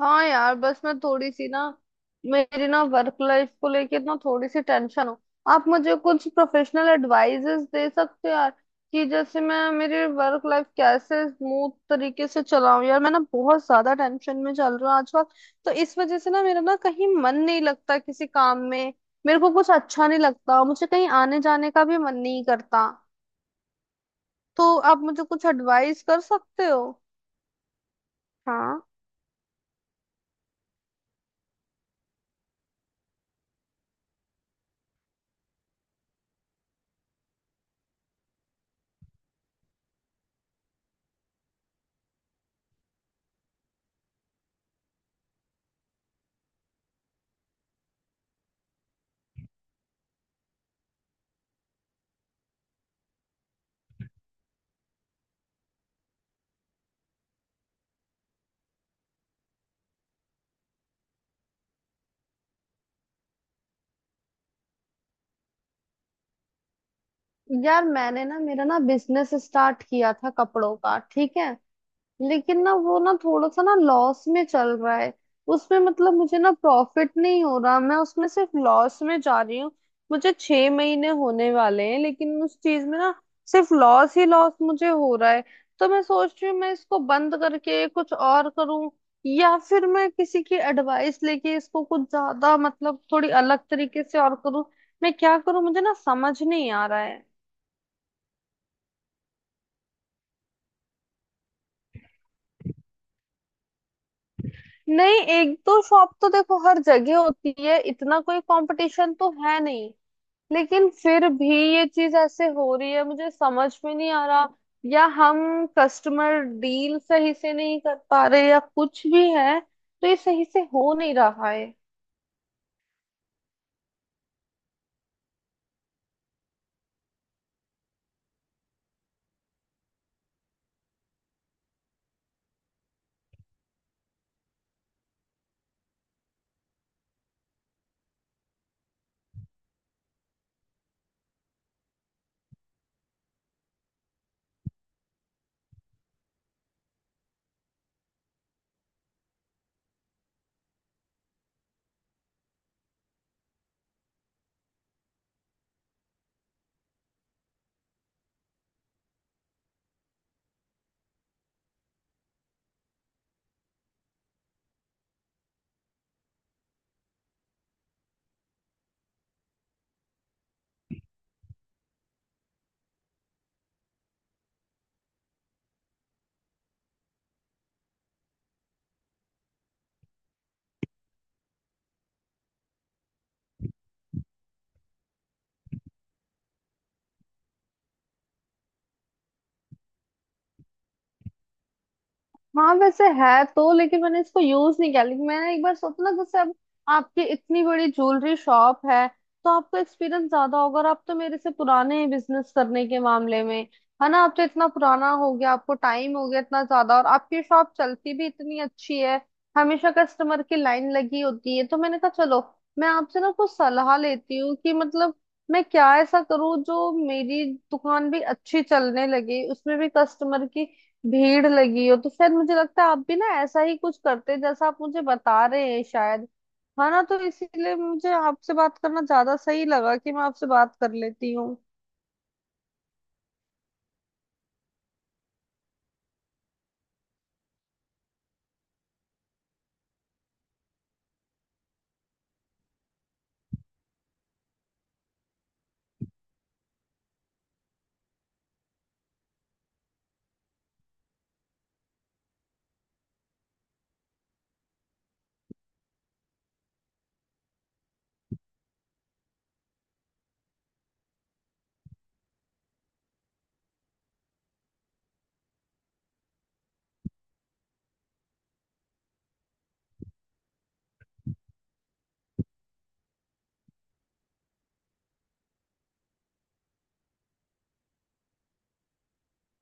हाँ यार, बस मैं थोड़ी सी ना, मेरी ना वर्क लाइफ को लेके ना थोड़ी सी टेंशन हो। आप मुझे कुछ प्रोफेशनल एडवाइजेस दे सकते हो यार? कि जैसे मैं मेरी वर्क लाइफ कैसे स्मूथ तरीके से चलाऊं। यार मैं ना बहुत ज्यादा टेंशन में चल रहा हूँ आजकल, तो इस वजह से ना मेरा ना कहीं मन नहीं लगता किसी काम में। मेरे को कुछ अच्छा नहीं लगता, मुझे कहीं आने जाने का भी मन नहीं करता। तो आप मुझे कुछ एडवाइस कर सकते हो? हाँ, यार मैंने ना मेरा ना बिजनेस स्टार्ट किया था कपड़ों का, ठीक है। लेकिन ना वो ना थोड़ा सा ना लॉस में चल रहा है। उसमें मतलब मुझे ना प्रॉफिट नहीं हो रहा, मैं उसमें सिर्फ लॉस में जा रही हूँ। मुझे 6 महीने होने वाले हैं, लेकिन उस चीज में ना सिर्फ लॉस ही लॉस मुझे हो रहा है। तो मैं सोच रही हूँ मैं इसको बंद करके कुछ और करूँ, या फिर मैं किसी की एडवाइस लेके इसको कुछ ज्यादा मतलब थोड़ी अलग तरीके से और करूँ। मैं क्या करूँ मुझे ना समझ नहीं आ रहा है। नहीं, एक दो शॉप तो देखो हर जगह होती है, इतना कोई कंपटीशन तो है नहीं। लेकिन फिर भी ये चीज ऐसे हो रही है, मुझे समझ में नहीं आ रहा। या हम कस्टमर डील सही से नहीं कर पा रहे, या कुछ भी है, तो ये सही से हो नहीं रहा है। हाँ वैसे है तो, लेकिन मैंने इसको यूज नहीं किया। लेकिन मैंने एक बार सोचा ना, जैसे अब आपकी इतनी बड़ी ज्वेलरी शॉप है, तो आपको एक्सपीरियंस ज्यादा होगा, और आप तो मेरे से पुराने हैं बिजनेस करने के मामले में, है ना। आप तो इतना पुराना हो गया, आपको टाइम हो गया इतना ज्यादा, और आपकी शॉप चलती भी इतनी अच्छी है, हमेशा कस्टमर की लाइन लगी होती है। तो मैंने कहा चलो मैं आपसे ना कुछ सलाह लेती हूँ, कि मतलब मैं क्या ऐसा करूँ जो मेरी दुकान भी अच्छी चलने लगे, उसमें भी कस्टमर की भीड़ लगी हो। तो शायद मुझे लगता है आप भी ना ऐसा ही कुछ करते हैं, जैसा आप मुझे बता रहे हैं शायद, है ना। तो इसीलिए मुझे आपसे बात करना ज्यादा सही लगा कि मैं आपसे बात कर लेती हूँ।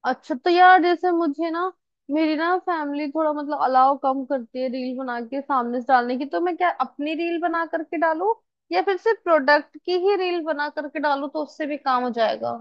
अच्छा, तो यार जैसे मुझे ना मेरी ना फैमिली थोड़ा मतलब अलाव कम करती है रील बना के सामने से डालने की। तो मैं क्या अपनी रील बना करके डालूं, या फिर सिर्फ प्रोडक्ट की ही रील बना करके डालूं तो उससे भी काम हो जाएगा?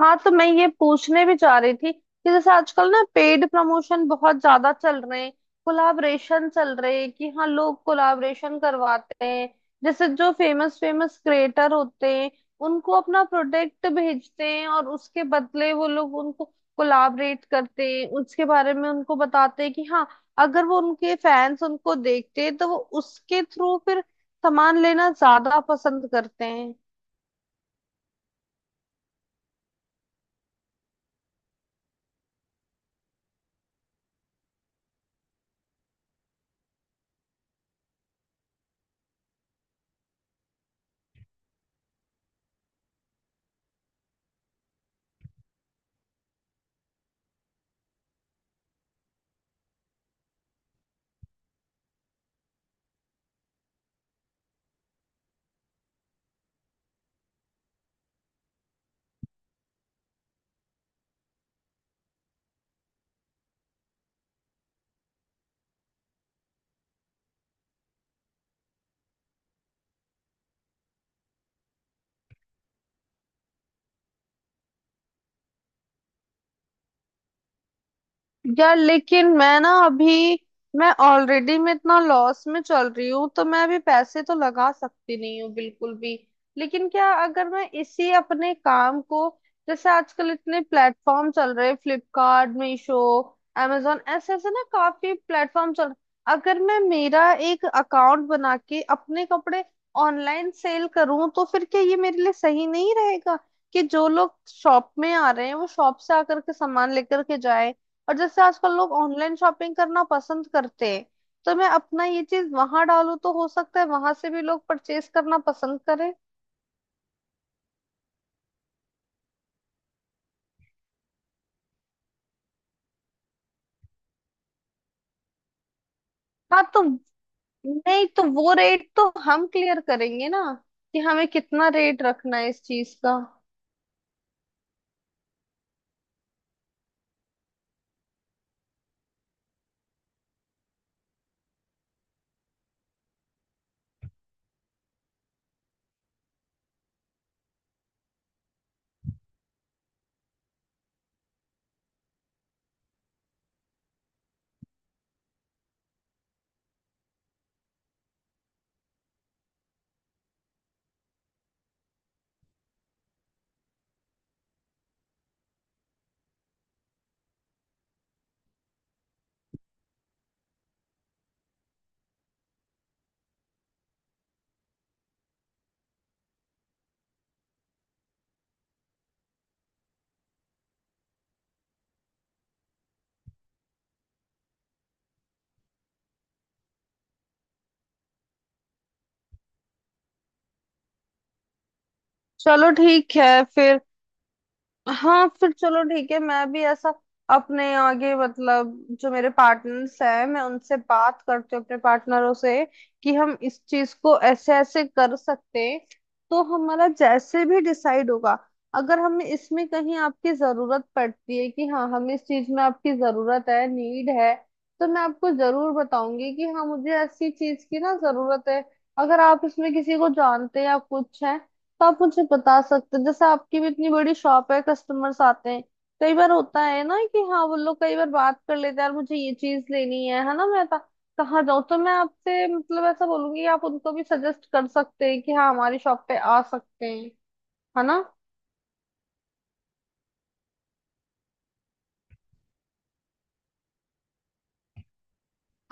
हाँ, तो मैं ये पूछने भी चाह रही थी कि जैसे आजकल ना पेड प्रमोशन बहुत ज्यादा चल रहे हैं, कोलाबरेशन चल रहे हैं। कि हाँ, लोग कोलाबरेशन करवाते हैं, जैसे जो फेमस फेमस क्रिएटर होते हैं उनको अपना प्रोडक्ट भेजते हैं, और उसके बदले वो लोग उनको कोलाबरेट करते हैं, उसके बारे में उनको बताते हैं। कि हाँ, अगर वो उनके फैंस उनको देखते हैं तो वो उसके थ्रू फिर सामान लेना ज्यादा पसंद करते हैं। यार लेकिन मैं ना अभी मैं ऑलरेडी मैं इतना लॉस में चल रही हूँ, तो मैं अभी पैसे तो लगा सकती नहीं हूँ बिल्कुल भी। लेकिन क्या अगर मैं इसी अपने काम को, जैसे आजकल इतने प्लेटफॉर्म चल रहे, फ्लिपकार्ट, मीशो, amazon, ऐसे ऐसे ना काफी प्लेटफॉर्म चल रहे। अगर मैं मेरा एक अकाउंट बना के अपने कपड़े ऑनलाइन सेल करूँ, तो फिर क्या ये मेरे लिए सही नहीं रहेगा? कि जो लोग शॉप में आ रहे हैं वो शॉप से आकर के सामान लेकर के जाए, और जैसे आजकल लोग ऑनलाइन शॉपिंग करना पसंद करते हैं, तो मैं अपना ये चीज वहां डालूं तो हो सकता है वहां से भी लोग परचेज करना पसंद करें। हाँ तो, नहीं तो वो रेट तो हम क्लियर करेंगे ना, कि हमें कितना रेट रखना है इस चीज का। चलो ठीक है फिर। हाँ फिर चलो ठीक है, मैं भी ऐसा अपने आगे मतलब जो मेरे पार्टनर्स हैं मैं उनसे बात करती हूँ, अपने पार्टनरों से, कि हम इस चीज को ऐसे ऐसे कर सकते हैं। तो हमारा जैसे भी डिसाइड होगा, अगर हमें इसमें कहीं आपकी जरूरत पड़ती है, कि हाँ हमें इस चीज में आपकी जरूरत है, नीड है, तो मैं आपको जरूर बताऊंगी कि हाँ मुझे ऐसी चीज की ना जरूरत है। अगर आप इसमें किसी को जानते हैं या कुछ है, तो आप मुझे बता सकते हैं। जैसे आपकी भी इतनी बड़ी शॉप है, कस्टमर्स आते हैं, कई बार होता है ना, कि हाँ वो लोग कई बार बात कर लेते हैं, यार मुझे ये चीज लेनी है ना, मैं कहाँ जाऊँ। तो मैं आपसे मतलब ऐसा बोलूंगी कि आप उनको भी सजेस्ट कर सकते हैं कि हाँ, हमारी शॉप पे आ सकते हैं, है ना।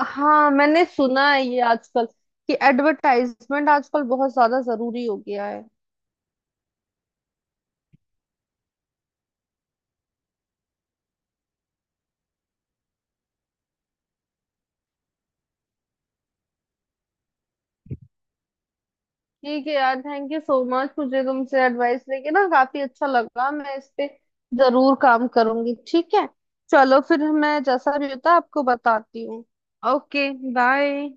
हाँ, मैंने सुना है ये आजकल, कि एडवर्टाइजमेंट आजकल बहुत ज्यादा जरूरी हो गया है। ठीक है यार, थैंक यू सो मच। मुझे तुमसे एडवाइस लेके ना काफी अच्छा लगा, मैं इस पे जरूर काम करूंगी, ठीक है। चलो फिर, मैं जैसा भी होता है आपको बताती हूँ। Okay bye.